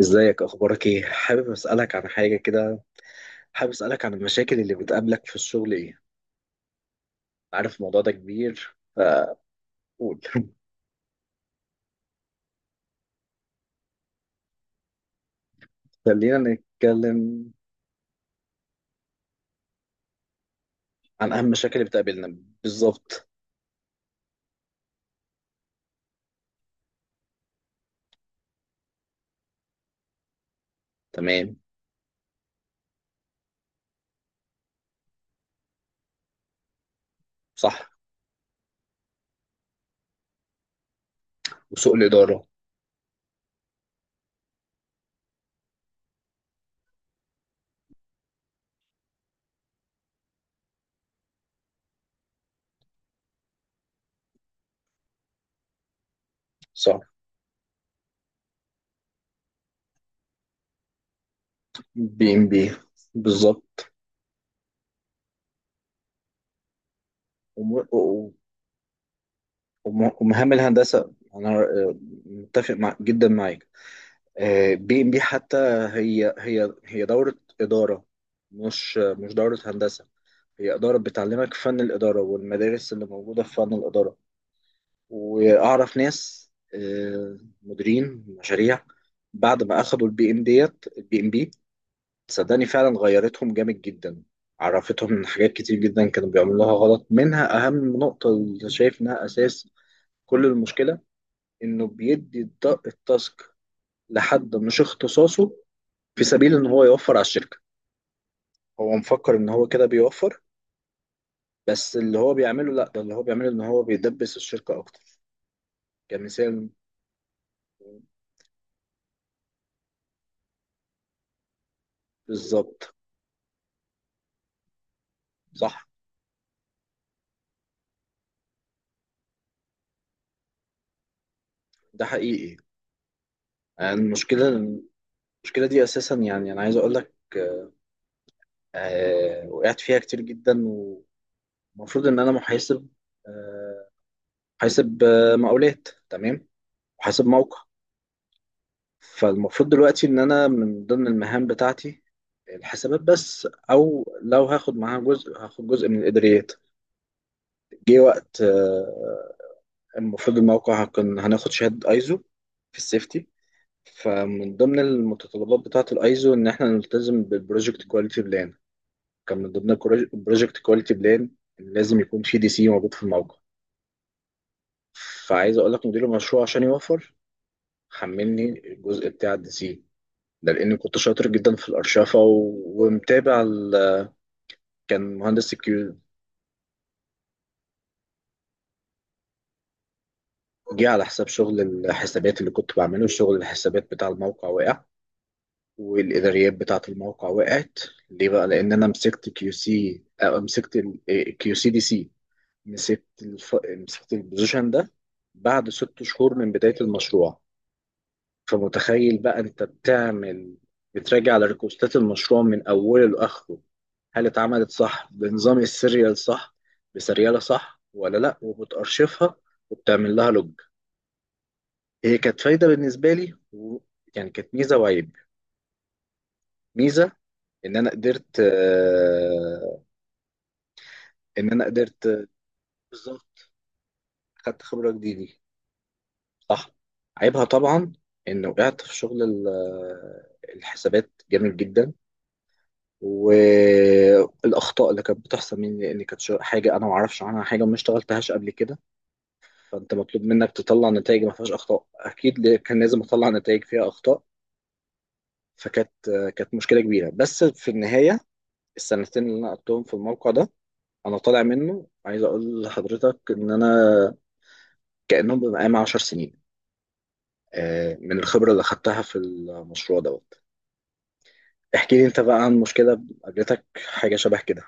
ازيك، اخبارك ايه؟ حابب اسالك عن حاجه كده. حابب اسالك عن المشاكل اللي بتقابلك في الشغل ايه؟ عارف الموضوع ده كبير فقول. خلينا نتكلم عن اهم المشاكل اللي بتقابلنا بالظبط. تمام. صح. وسوء الاداره. صح. بي ام بي. بالظبط. وم- و- ومهام الهندسه انا متفق مع جدا معاك. بي ام بي حتى هي دوره اداره، مش دوره هندسه. هي إدارة بتعلمك فن الإدارة والمدارس اللي موجودة في فن الإدارة. وأعرف ناس مديرين مشاريع بعد ما أخدوا البي إم بي. صدقني فعلا غيرتهم جامد جدا. عرفتهم إن حاجات كتير جدا كانوا بيعملوها غلط، منها أهم نقطة اللي شايف إنها أساس كل المشكلة، إنه بيدي التاسك لحد مش اختصاصه في سبيل إن هو يوفر على الشركة. هو مفكر إن هو كده بيوفر، بس اللي هو بيعمله، لا، ده اللي هو بيعمله إن هو بيدبس الشركة أكتر. كمثال، بالظبط. صح. ده حقيقي. المشكلة، المشكلة دي أساسا يعني أنا عايز أقول لك وقعت فيها كتير جدا. ومفروض إن أنا محاسب، آه، محاسب مقاولات، تمام، محاسب موقع. فالمفروض دلوقتي إن أنا من ضمن المهام بتاعتي الحسابات بس، أو لو هاخد معاها جزء هاخد جزء من الإداريات. جه وقت المفروض الموقع هكون هناخد شهادة أيزو في السيفتي. فمن ضمن المتطلبات بتاعة الايزو ان احنا نلتزم بالبروجكت كواليتي بلان. كان من ضمن البروجكت كواليتي بلان لازم يكون في دي سي موجود في الموقع. فعايز اقول لك مدير المشروع عشان يوفر، حملني الجزء بتاع الدي سي ده لان كنت شاطر جدا في الارشفه ومتابع ال... كان مهندس الكيو، جه على حساب شغل الحسابات اللي كنت بعمله. شغل الحسابات بتاع الموقع وقع والاداريات بتاعه الموقع وقعت. ليه بقى؟ لان انا مسكت كيو سي، مسكت كيو سي دي سي، مسكت الف... مسكت البوزيشن ده بعد 6 شهور من بداية المشروع. فمتخيل بقى انت بتعمل، بتراجع على ريكوستات المشروع من اوله لاخره، هل اتعملت صح بنظام السيريال؟ صح بسريالة صح ولا لا، وبتأرشفها وبتعمل لها لوج. هي كانت فايدة بالنسبة لي و... يعني كانت ميزة وعيب. ميزة ان انا قدرت ان انا قدرت. بالظبط. خدت خبرة جديدة. صح. عيبها طبعا ان وقعت في شغل الحسابات جامد جدا، والاخطاء اللي كانت بتحصل مني لان كانت حاجه انا ما اعرفش عنها حاجه وما اشتغلتهاش قبل كده. فانت مطلوب منك تطلع نتائج ما فيهاش اخطاء، اكيد كان لازم اطلع نتائج فيها اخطاء. فكانت كانت مشكله كبيره، بس في النهايه السنتين اللي انا قضيتهم في الموقع ده انا طالع منه، عايز اقول لحضرتك ان انا كانهم بقى معايا 10 سنين من الخبره اللي اخدتها في المشروع ده. احكي لي انت بقى عن مشكلة قابلتك حاجة شبه كده.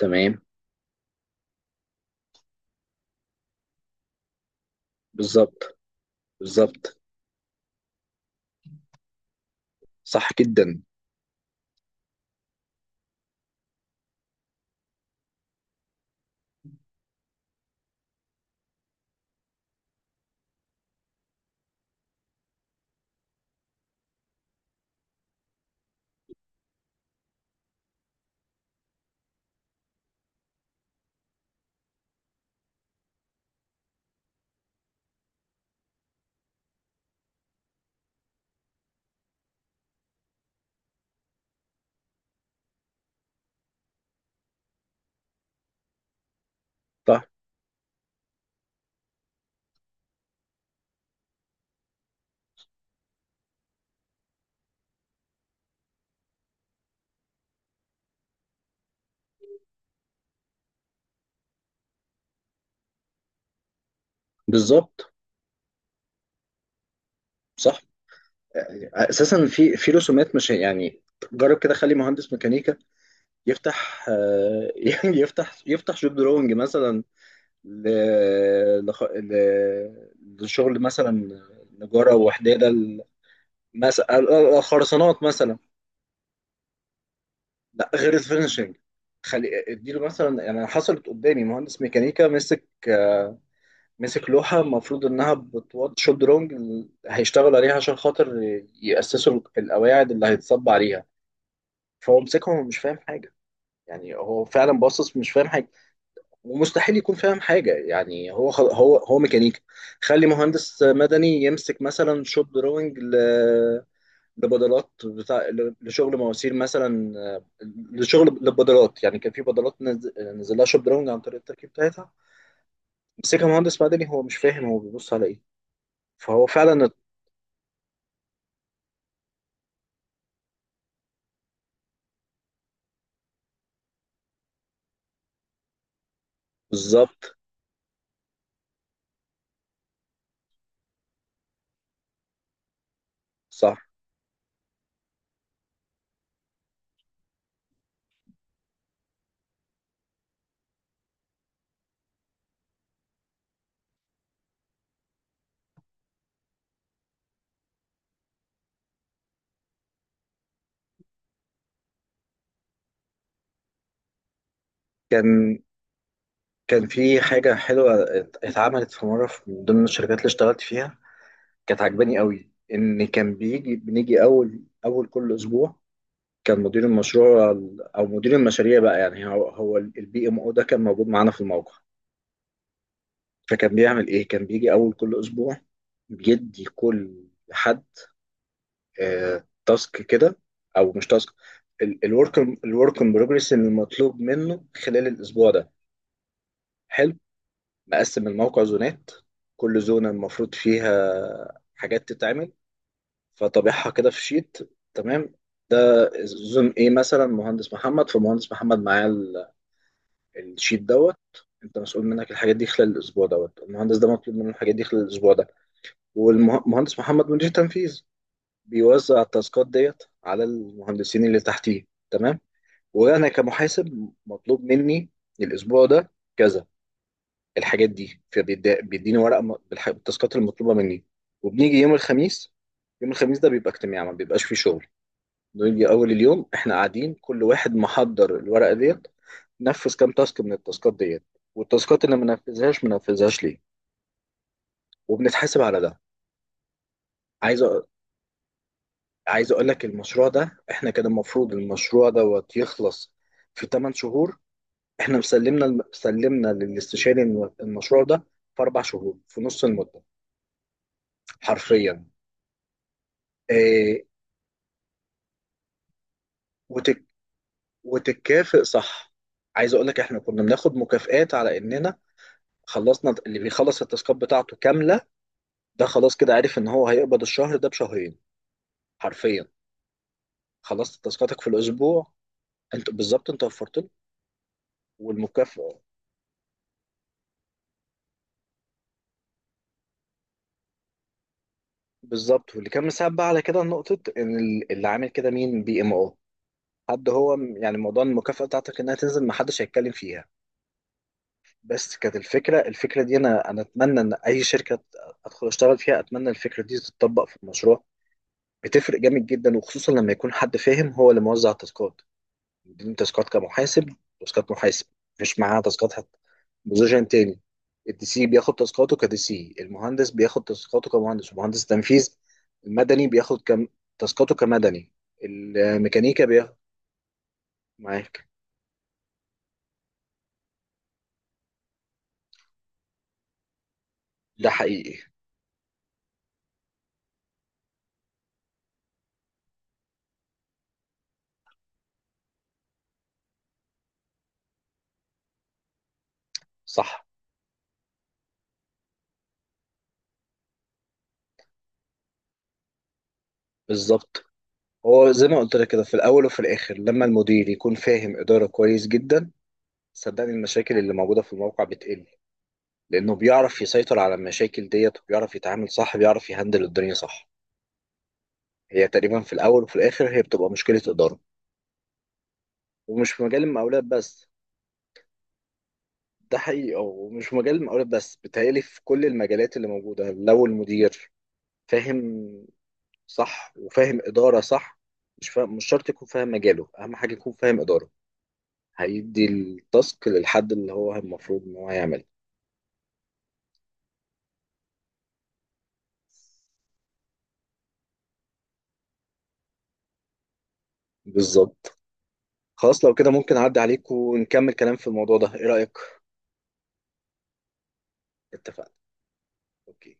تمام. بالظبط، بالظبط. صح جدا. صح. بالظبط. صح. يعني اساسا في رسومات، مش يعني، جرب كده خلي مهندس ميكانيكا يفتح يعني يفتح شوب دروينج مثلا ل... لخ... ل... لشغل مثلا نجارة وحدادة، مثلا خرسانات مثلا. لا، غير الفينشنج. خلي اديله مثلا، يعني حصلت قدامي مهندس ميكانيكا مسك مسك لوحة المفروض إنها بتوض شوب درونج هيشتغلوا عليها عشان خاطر يأسسوا القواعد اللي هيتصب عليها. فهو مسكهم ومش فاهم حاجة، يعني هو فعلا باصص مش فاهم حاجة، ومستحيل يكون فاهم حاجة، يعني هو خل... هو ميكانيكا. خلي مهندس مدني يمسك مثلا شوب درونج ل... لبدلات بتاع لشغل مواسير مثلا لشغل للبدلات. يعني كان في بدلات نز... نزل لها شوب درونج عن طريق التركيب بتاعتها، مسكها مهندس مدني هو مش فاهم هو بيبص على ايه. فهو فعلا بالظبط. صح. كان كان في حاجة حلوة اتعملت في مرة من ضمن الشركات اللي اشتغلت فيها، كانت عجباني قوي. إن كان بيجي بنيجي أول كل أسبوع، كان مدير المشروع أو مدير المشاريع بقى يعني، هو هو البي ام او ده كان موجود معانا في الموقع. فكان بيعمل إيه؟ كان بيجي أول كل أسبوع بيدي كل حد تاسك كده، أو مش تاسك، الورك ان بروجرس المطلوب منه خلال الأسبوع ده. حلو. مقسم الموقع زونات، كل زونة المفروض فيها حاجات تتعمل، فطابعها كده في شيت. تمام. ده زون ايه مثلا، مهندس محمد، فمهندس محمد معاه الشيت دوت، انت مسؤول منك الحاجات دي خلال الاسبوع دوت، المهندس ده مطلوب منه الحاجات دي خلال الاسبوع ده. والمهندس محمد مدير تنفيذ بيوزع التاسكات ديت على المهندسين اللي تحتيه. تمام. وانا كمحاسب مطلوب مني الاسبوع ده كذا، الحاجات دي، فبيديني ورق بالتاسكات المطلوبه مني. وبنيجي يوم الخميس، يوم الخميس ده بيبقى اجتماع ما بيبقاش فيه شغل، نيجي اول اليوم احنا قاعدين كل واحد محضر الورقه ديت، نفذ كام تاسك من التاسكات ديت، والتاسكات اللي ما نفذهاش ما نفذهاش ليه، وبنتحاسب على ده. عايز أ... عايز اقول لك المشروع ده احنا كان المفروض المشروع دوت يخلص في 8 شهور، احنا مسلمنا سلمنا للاستشاري المشروع ده في 4 شهور، في نص المده، حرفيا. إيه... وتتكافئ صح. عايز اقول لك احنا كنا بناخد مكافآت على اننا خلصنا، اللي بيخلص التاسكات بتاعته كامله ده خلاص كده عارف ان هو هيقبض الشهر ده بشهرين، حرفيا. خلصت تاسكاتك في الاسبوع، انت بالظبط، انت وفرت له والمكافأة بالظبط. واللي كان مساعد بقى على كده نقطه ان اللي عامل كده مين؟ بي ام او، حد هو يعني موضوع المكافأة بتاعتك انها تنزل ما حدش هيتكلم فيها. بس كانت الفكره، الفكره دي انا اتمنى ان اي شركه ادخل اشتغل فيها اتمنى الفكره دي تتطبق في المشروع. بتفرق جامد جدا، وخصوصا لما يكون حد فاهم هو اللي موزع التاسكات، مديني تاسكات كمحاسب، تاسكات محاسب، مفيش معاه تاسكات حتى بوزيشن تاني. الدي سي بياخد تاسكاته كدي سي، المهندس بياخد تاسكاته كمهندس، ومهندس تنفيذ المدني بياخد كم تاسكاته كمدني، الميكانيكا بياخد. معاك. ده حقيقي. صح. بالظبط. هو زي ما قلت لك كده، في الاول وفي الاخر لما المدير يكون فاهم اداره كويس جدا، صدقني المشاكل اللي موجوده في الموقع بتقل، لأنه بيعرف يسيطر على المشاكل ديت وبيعرف يتعامل صح، بيعرف يهندل الدنيا صح. هي تقريبا في الأول وفي الآخر هي بتبقى مشكلة إدارة، ومش في مجال المقاولات بس. ده حقيقي، ومش في مجال المقاولات بس، بيتهيألي في كل المجالات اللي موجودة لو المدير فاهم صح وفاهم إدارة صح. مش فاهم، مش شرط يكون فاهم مجاله، أهم حاجة يكون فاهم إدارة، هيدي التاسك للحد اللي هو المفروض إن هو يعمله. بالظبط. خلاص لو كده ممكن أعدي عليك ونكمل كلام في الموضوع ده، إيه رأيك؟ اتفقنا. أوكي.